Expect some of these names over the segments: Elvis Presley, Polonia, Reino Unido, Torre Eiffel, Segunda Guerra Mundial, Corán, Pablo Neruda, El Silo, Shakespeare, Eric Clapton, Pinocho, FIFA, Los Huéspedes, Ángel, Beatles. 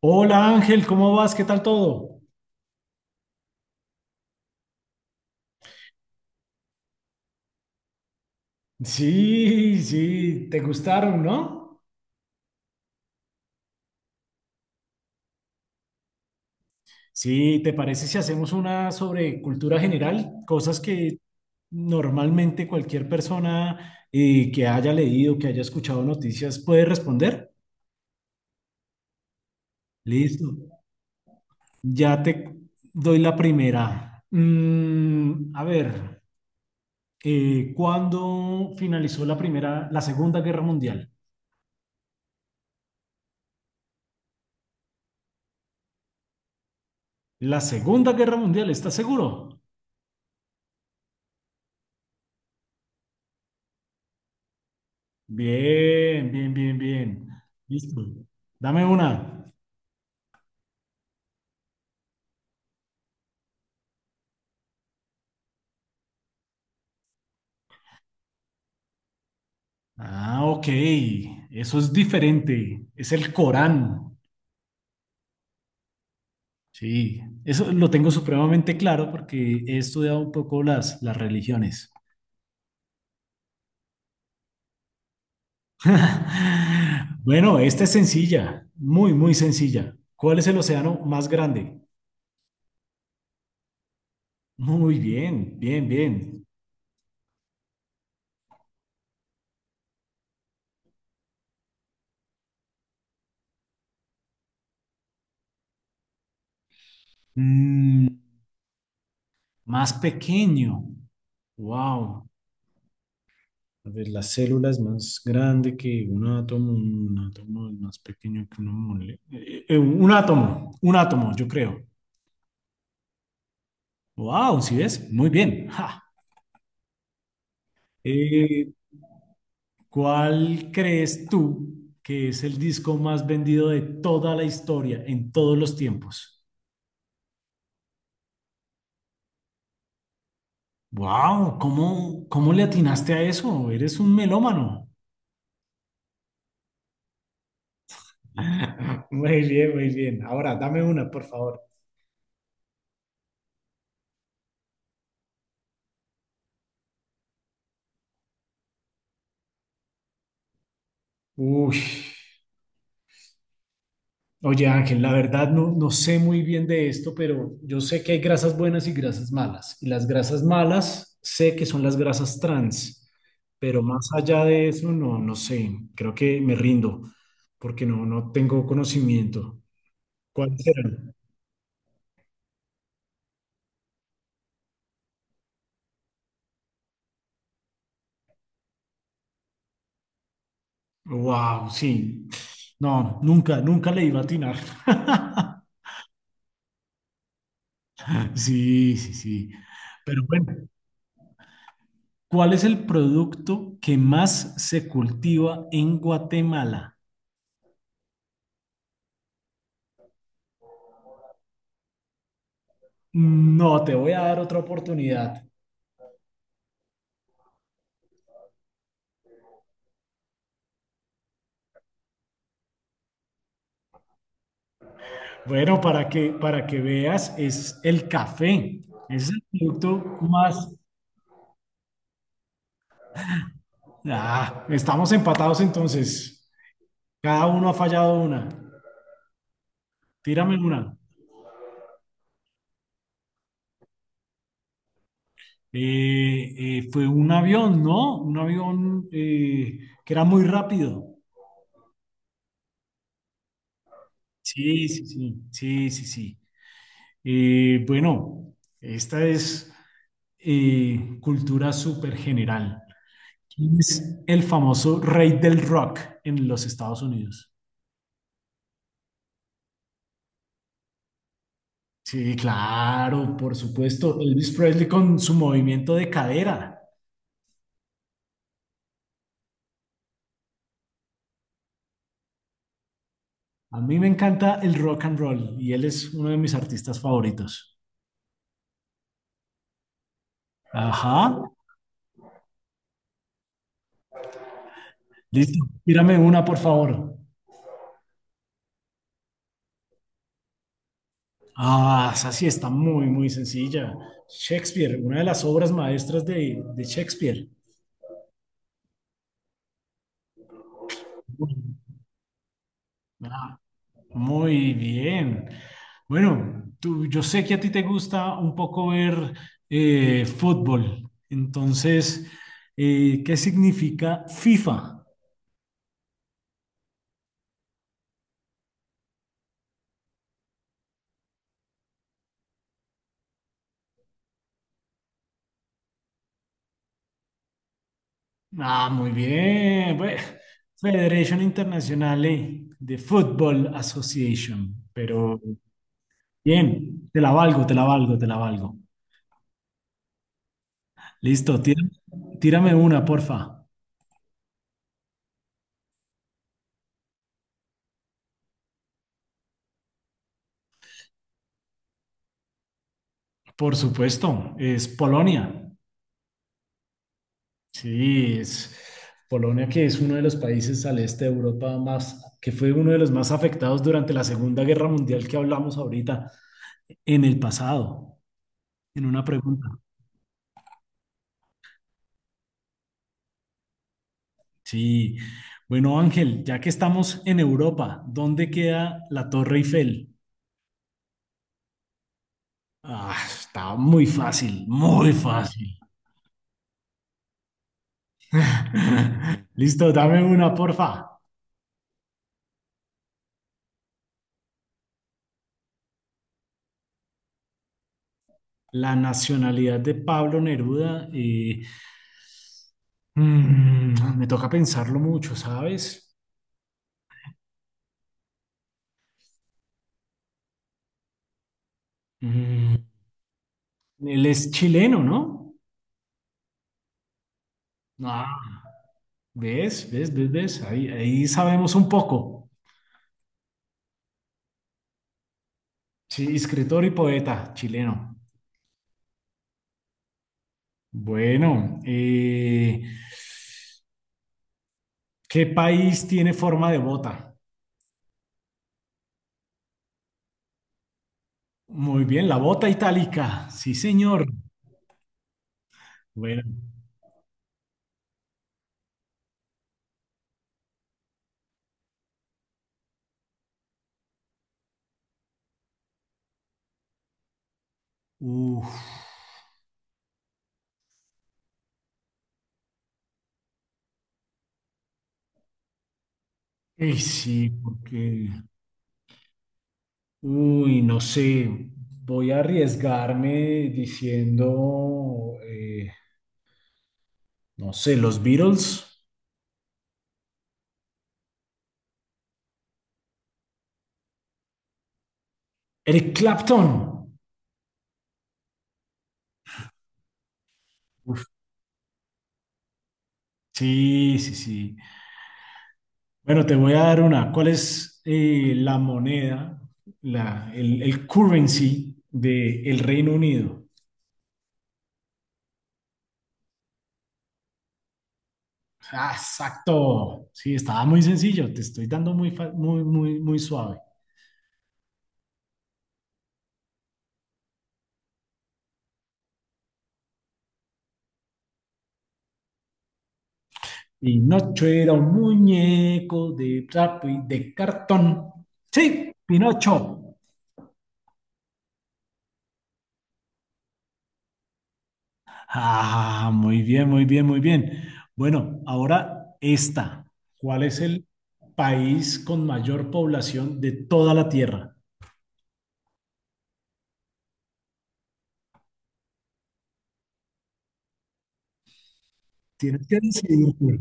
Hola Ángel, ¿cómo vas? ¿Qué tal todo? Sí, sí, te gustaron, ¿no? Sí, ¿te parece si hacemos una sobre cultura general? Cosas que normalmente cualquier persona que haya leído, que haya escuchado noticias puede responder. Listo. Ya te doy la primera. A ver, ¿cuándo finalizó la primera, la Segunda Guerra Mundial? La Segunda Guerra Mundial, ¿estás seguro? Bien, bien, bien, bien. Listo. Dame una. Ah, ok. Eso es diferente. Es el Corán. Sí, eso lo tengo supremamente claro porque he estudiado un poco las religiones. Bueno, esta es sencilla, muy, muy sencilla. ¿Cuál es el océano más grande? Muy bien, bien, bien. Mm, más pequeño. Wow. A ver, la célula es más grande que un átomo es más pequeño que una mole... un átomo, yo creo. Wow, ¿sí ves? Muy bien. Ja. Eh, ¿Cuál crees tú que es el disco más vendido de toda la historia, en todos los tiempos? Wow, ¿cómo, cómo le atinaste a eso? Eres un melómano. Muy bien, muy bien. Ahora, dame una, por favor. Uy. Oye, Ángel, la verdad no, no sé muy bien de esto, pero yo sé que hay grasas buenas y grasas malas. Y las grasas malas sé que son las grasas trans, pero más allá de eso no, no sé. Creo que me rindo porque no, no tengo conocimiento. ¿Cuáles eran? Wow, sí. No, nunca, nunca le iba a atinar. Sí, sí, sí. Pero bueno, ¿cuál es el producto que más se cultiva en Guatemala? No, te voy a dar otra oportunidad. Bueno, para que veas, es el café. Es el producto más... Ah, estamos empatados entonces. Cada uno ha fallado una. Tírame una. Fue un avión, ¿no? Un avión que era muy rápido. Sí, sí, sí, sí, sí, sí. Bueno, esta es cultura súper general. ¿Quién es el famoso rey del rock en los Estados Unidos? Sí, claro, por supuesto. Elvis Presley con su movimiento de cadera. A mí me encanta el rock and roll y él es uno de mis artistas favoritos. Ajá. Listo. Tírame una, por favor. Ah, esa sí está muy, muy sencilla. Shakespeare, una de las obras maestras de Shakespeare. Ah, muy bien. Bueno, tú, yo sé que a ti te gusta un poco ver fútbol. Entonces, ¿qué significa FIFA? Ah, muy bien. Bueno, Federation Internazionale de Football Association. Pero bien, te la valgo. Listo, tírame una, porfa. Por supuesto, es Polonia. Sí, es Polonia que es uno de los países al este de Europa más, que fue uno de los más afectados durante la Segunda Guerra Mundial que hablamos ahorita, en el pasado, en una pregunta. Sí, bueno Ángel, ya que estamos en Europa, ¿dónde queda la Torre Eiffel? Ah, está muy fácil, muy fácil. Listo, dame una, porfa. La nacionalidad de Pablo Neruda, mm, me toca pensarlo mucho, ¿sabes? Mm, él es chileno, ¿no? Ah, ¿ves? ¿Ves? ¿Ves? ¿Ves? Ahí, ahí sabemos un poco. Sí, escritor y poeta chileno. Bueno, ¿qué país tiene forma de bota? Muy bien, la bota itálica. Sí, señor. Bueno, uff. Ey, sí, porque, uy, no sé, voy a arriesgarme diciendo, no sé, los Beatles, Eric Clapton. Sí, sí, sí. Bueno, te voy a dar una. ¿Cuál es la moneda, el currency del Reino Unido? Ah, exacto. Sí, estaba muy sencillo. Te estoy dando muy, muy, muy, muy suave. Y Pinocho era un muñeco de trapo y de cartón. Sí, Pinocho. Ah, muy bien, muy bien, muy bien. Bueno, ahora esta. ¿Cuál es el país con mayor población de toda la Tierra? Tienes que decidirte.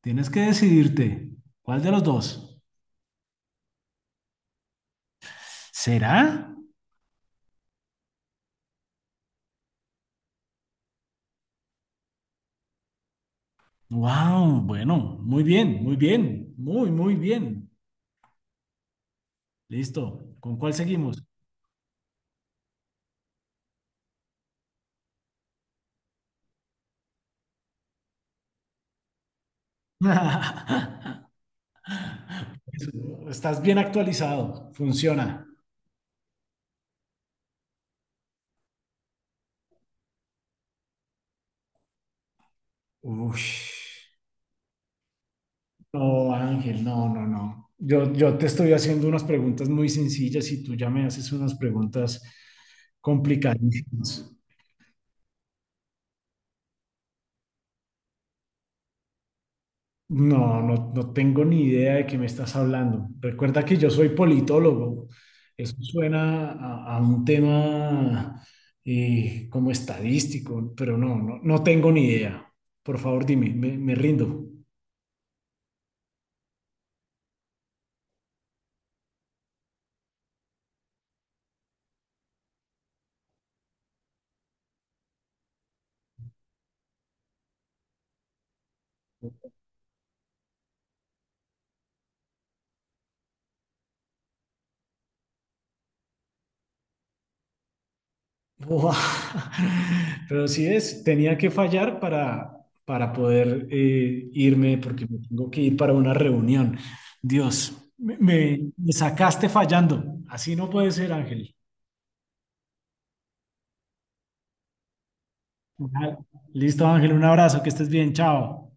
Tienes que decidirte. ¿Cuál de los dos? ¿Será? Wow, bueno, muy bien, muy bien, muy, muy bien. Listo. ¿Con cuál seguimos? Eso, estás bien actualizado. Funciona. Uf. No, Ángel, no, no, no. Yo te estoy haciendo unas preguntas muy sencillas y tú ya me haces unas preguntas complicadísimas. No, no, no tengo ni idea de qué me estás hablando. Recuerda que yo soy politólogo. Eso suena a un tema como estadístico, pero no, no, no tengo ni idea. Por favor, dime, me rindo. Buah. Pero sí es, tenía que fallar para poder irme porque me tengo que ir para una reunión. Dios, me sacaste fallando. Así no puede ser, Ángel. Ah, listo, Ángel, un abrazo, que estés bien, chao.